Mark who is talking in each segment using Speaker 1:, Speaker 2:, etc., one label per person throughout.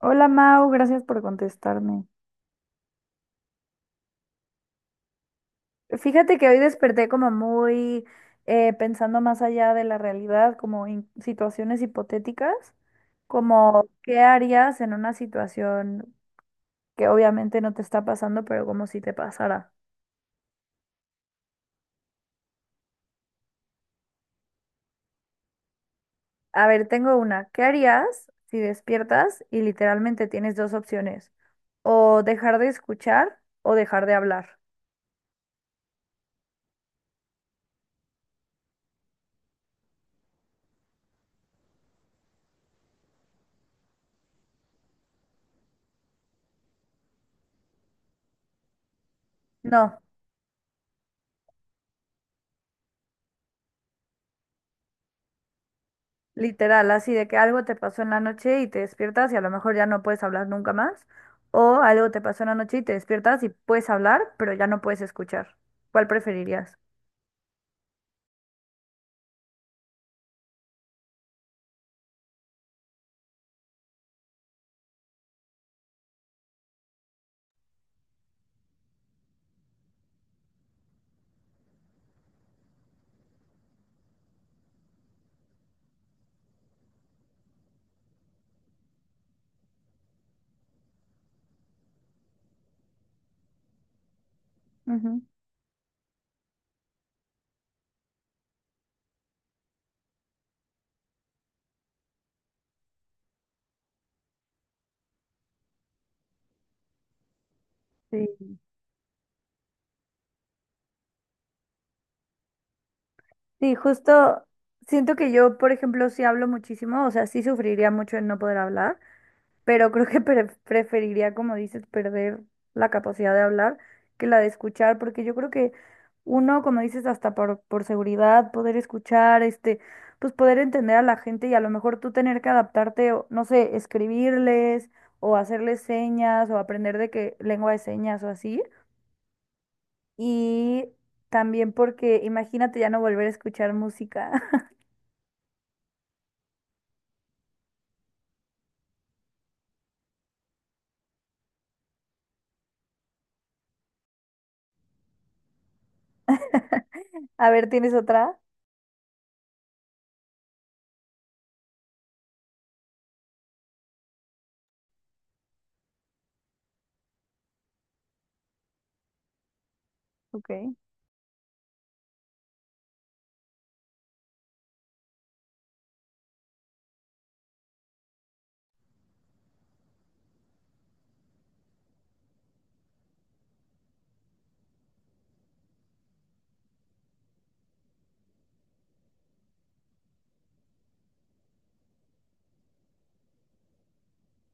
Speaker 1: Hola Mau, gracias por contestarme. Fíjate que hoy desperté como muy pensando más allá de la realidad, como en situaciones hipotéticas, como qué harías en una situación que obviamente no te está pasando, pero como si te pasara. A ver, tengo una. ¿Qué harías si despiertas y literalmente tienes dos opciones? O dejar de escuchar o dejar de hablar. No. Literal, así de que algo te pasó en la noche y te despiertas y a lo mejor ya no puedes hablar nunca más. O algo te pasó en la noche y te despiertas y puedes hablar, pero ya no puedes escuchar. ¿Cuál preferirías? Ujú. Sí. Sí, justo siento que yo, por ejemplo, sí hablo muchísimo, o sea, sí sufriría mucho en no poder hablar, pero creo que preferiría, como dices, perder la capacidad de hablar que la de escuchar, porque yo creo que uno, como dices, hasta por seguridad, poder escuchar, este, pues poder entender a la gente y a lo mejor tú tener que adaptarte, o, no sé, escribirles o hacerles señas o aprender de qué lengua de señas o así. Y también porque imagínate ya no volver a escuchar música. A ver, ¿tienes otra? Ok.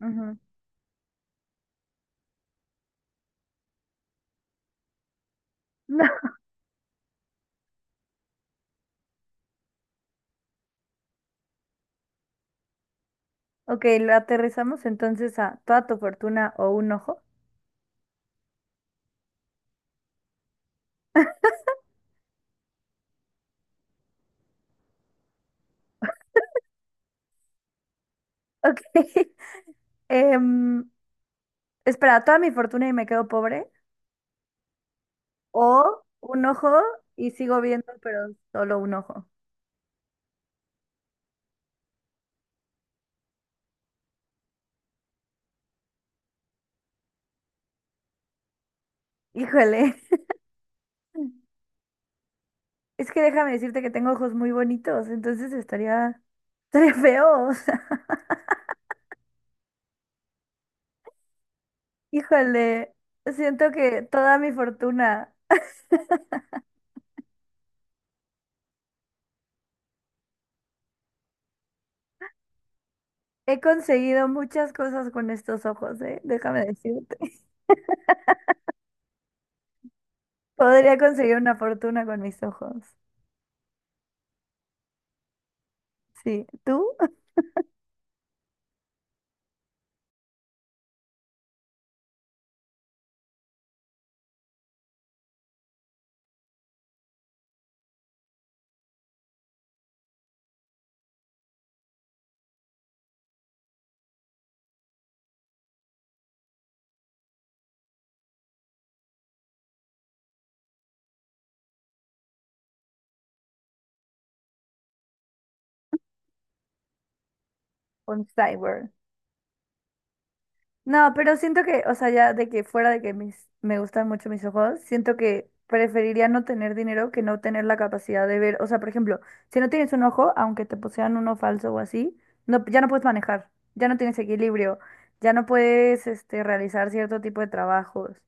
Speaker 1: Ujú. Ok, lo aterrizamos entonces a toda tu fortuna o un ojo. Ok. Em, espera, toda mi fortuna y me quedo pobre. O un ojo y sigo viendo, pero solo un ojo. Híjole. Es que déjame decirte que tengo ojos muy bonitos, entonces estaría feo. O sea, híjole. Siento que toda mi fortuna. He conseguido muchas cosas con estos ojos, ¿eh? Déjame decirte. Podría conseguir una fortuna con mis ojos. Sí. ¿Tú? Un cyborg. No, pero siento que, o sea, ya de que fuera de que me gustan mucho mis ojos, siento que preferiría no tener dinero que no tener la capacidad de ver. O sea, por ejemplo, si no tienes un ojo, aunque te posean uno falso o así, no, ya no puedes manejar, ya no tienes equilibrio, ya no puedes, este, realizar cierto tipo de trabajos.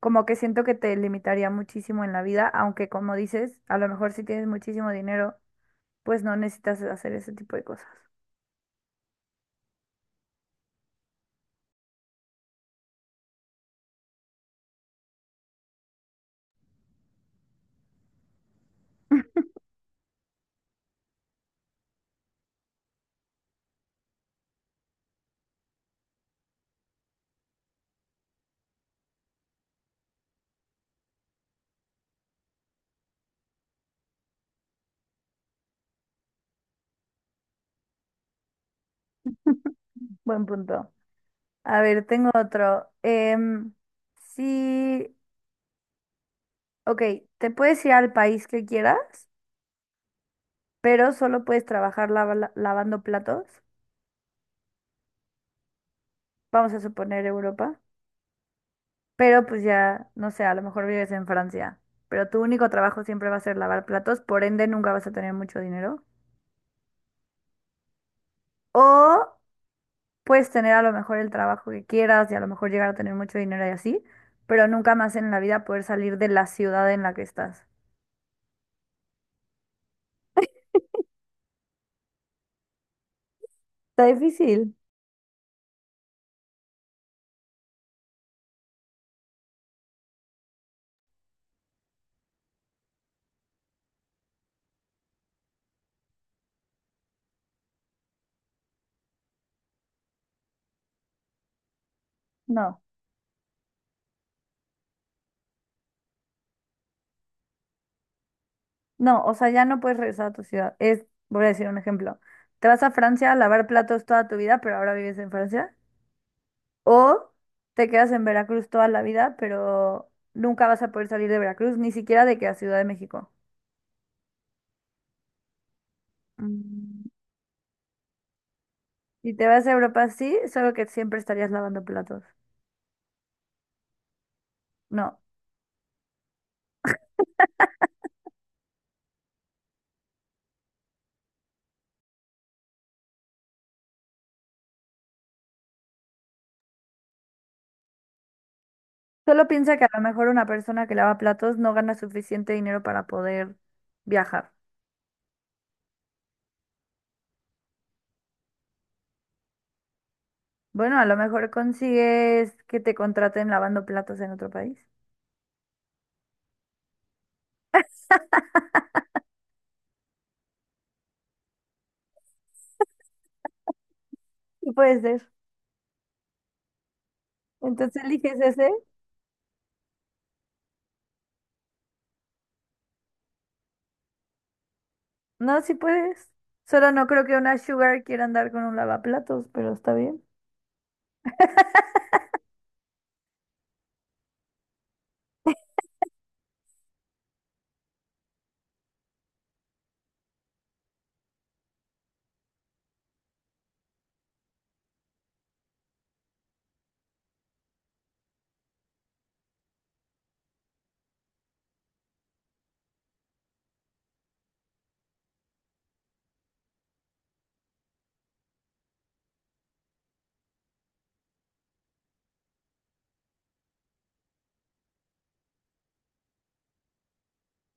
Speaker 1: Como que siento que te limitaría muchísimo en la vida, aunque como dices, a lo mejor si tienes muchísimo dinero, pues no necesitas hacer ese tipo de cosas. Buen punto. A ver, tengo otro. Sí, ok, te puedes ir al país que quieras, pero solo puedes trabajar lavando platos. Vamos a suponer Europa, pero pues ya, no sé, a lo mejor vives en Francia, pero tu único trabajo siempre va a ser lavar platos, por ende nunca vas a tener mucho dinero. O puedes tener a lo mejor el trabajo que quieras y a lo mejor llegar a tener mucho dinero y así, pero nunca más en la vida poder salir de la ciudad en la que estás. Está difícil. No. No, o sea, ya no puedes regresar a tu ciudad. Es, voy a decir un ejemplo. Te vas a Francia a lavar platos toda tu vida, pero ahora vives en Francia. O te quedas en Veracruz toda la vida, pero nunca vas a poder salir de Veracruz, ni siquiera de que a Ciudad de México. Mm, Si te vas a Europa, sí, solo que siempre estarías lavando platos. No. Solo piensa que a lo mejor una persona que lava platos no gana suficiente dinero para poder viajar. Bueno, a lo mejor consigues que te contraten lavando platos en otro país. Y puede ser. Entonces eliges ese. No, si puedes. Solo no creo que una Sugar quiera andar con un lavaplatos, pero está bien.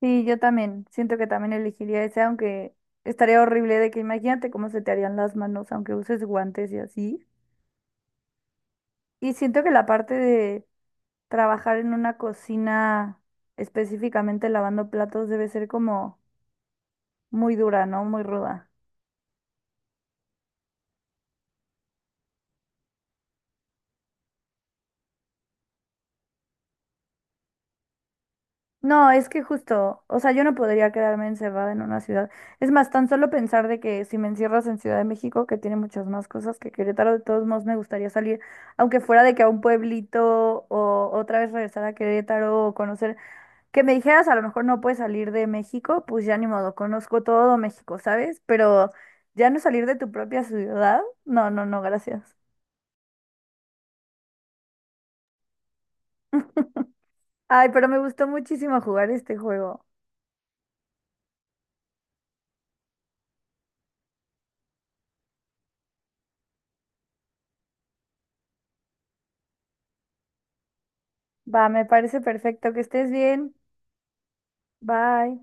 Speaker 1: Sí, yo también. Siento que también elegiría ese, aunque estaría horrible de que imagínate cómo se te harían las manos, aunque uses guantes y así. Y siento que la parte de trabajar en una cocina, específicamente lavando platos, debe ser como muy dura, ¿no? Muy ruda. No, es que justo, o sea, yo no podría quedarme encerrada en una ciudad. Es más, tan solo pensar de que si me encierras en Ciudad de México, que tiene muchas más cosas que Querétaro, de todos modos me gustaría salir, aunque fuera de que a un pueblito o otra vez regresar a Querétaro o conocer, que me dijeras a lo mejor no puedes salir de México, pues ya ni modo, conozco todo México, ¿sabes? Pero ya no salir de tu propia ciudad, no, no, no, gracias. Ay, pero me gustó muchísimo jugar este juego. Va, me parece perfecto, que estés bien. Bye.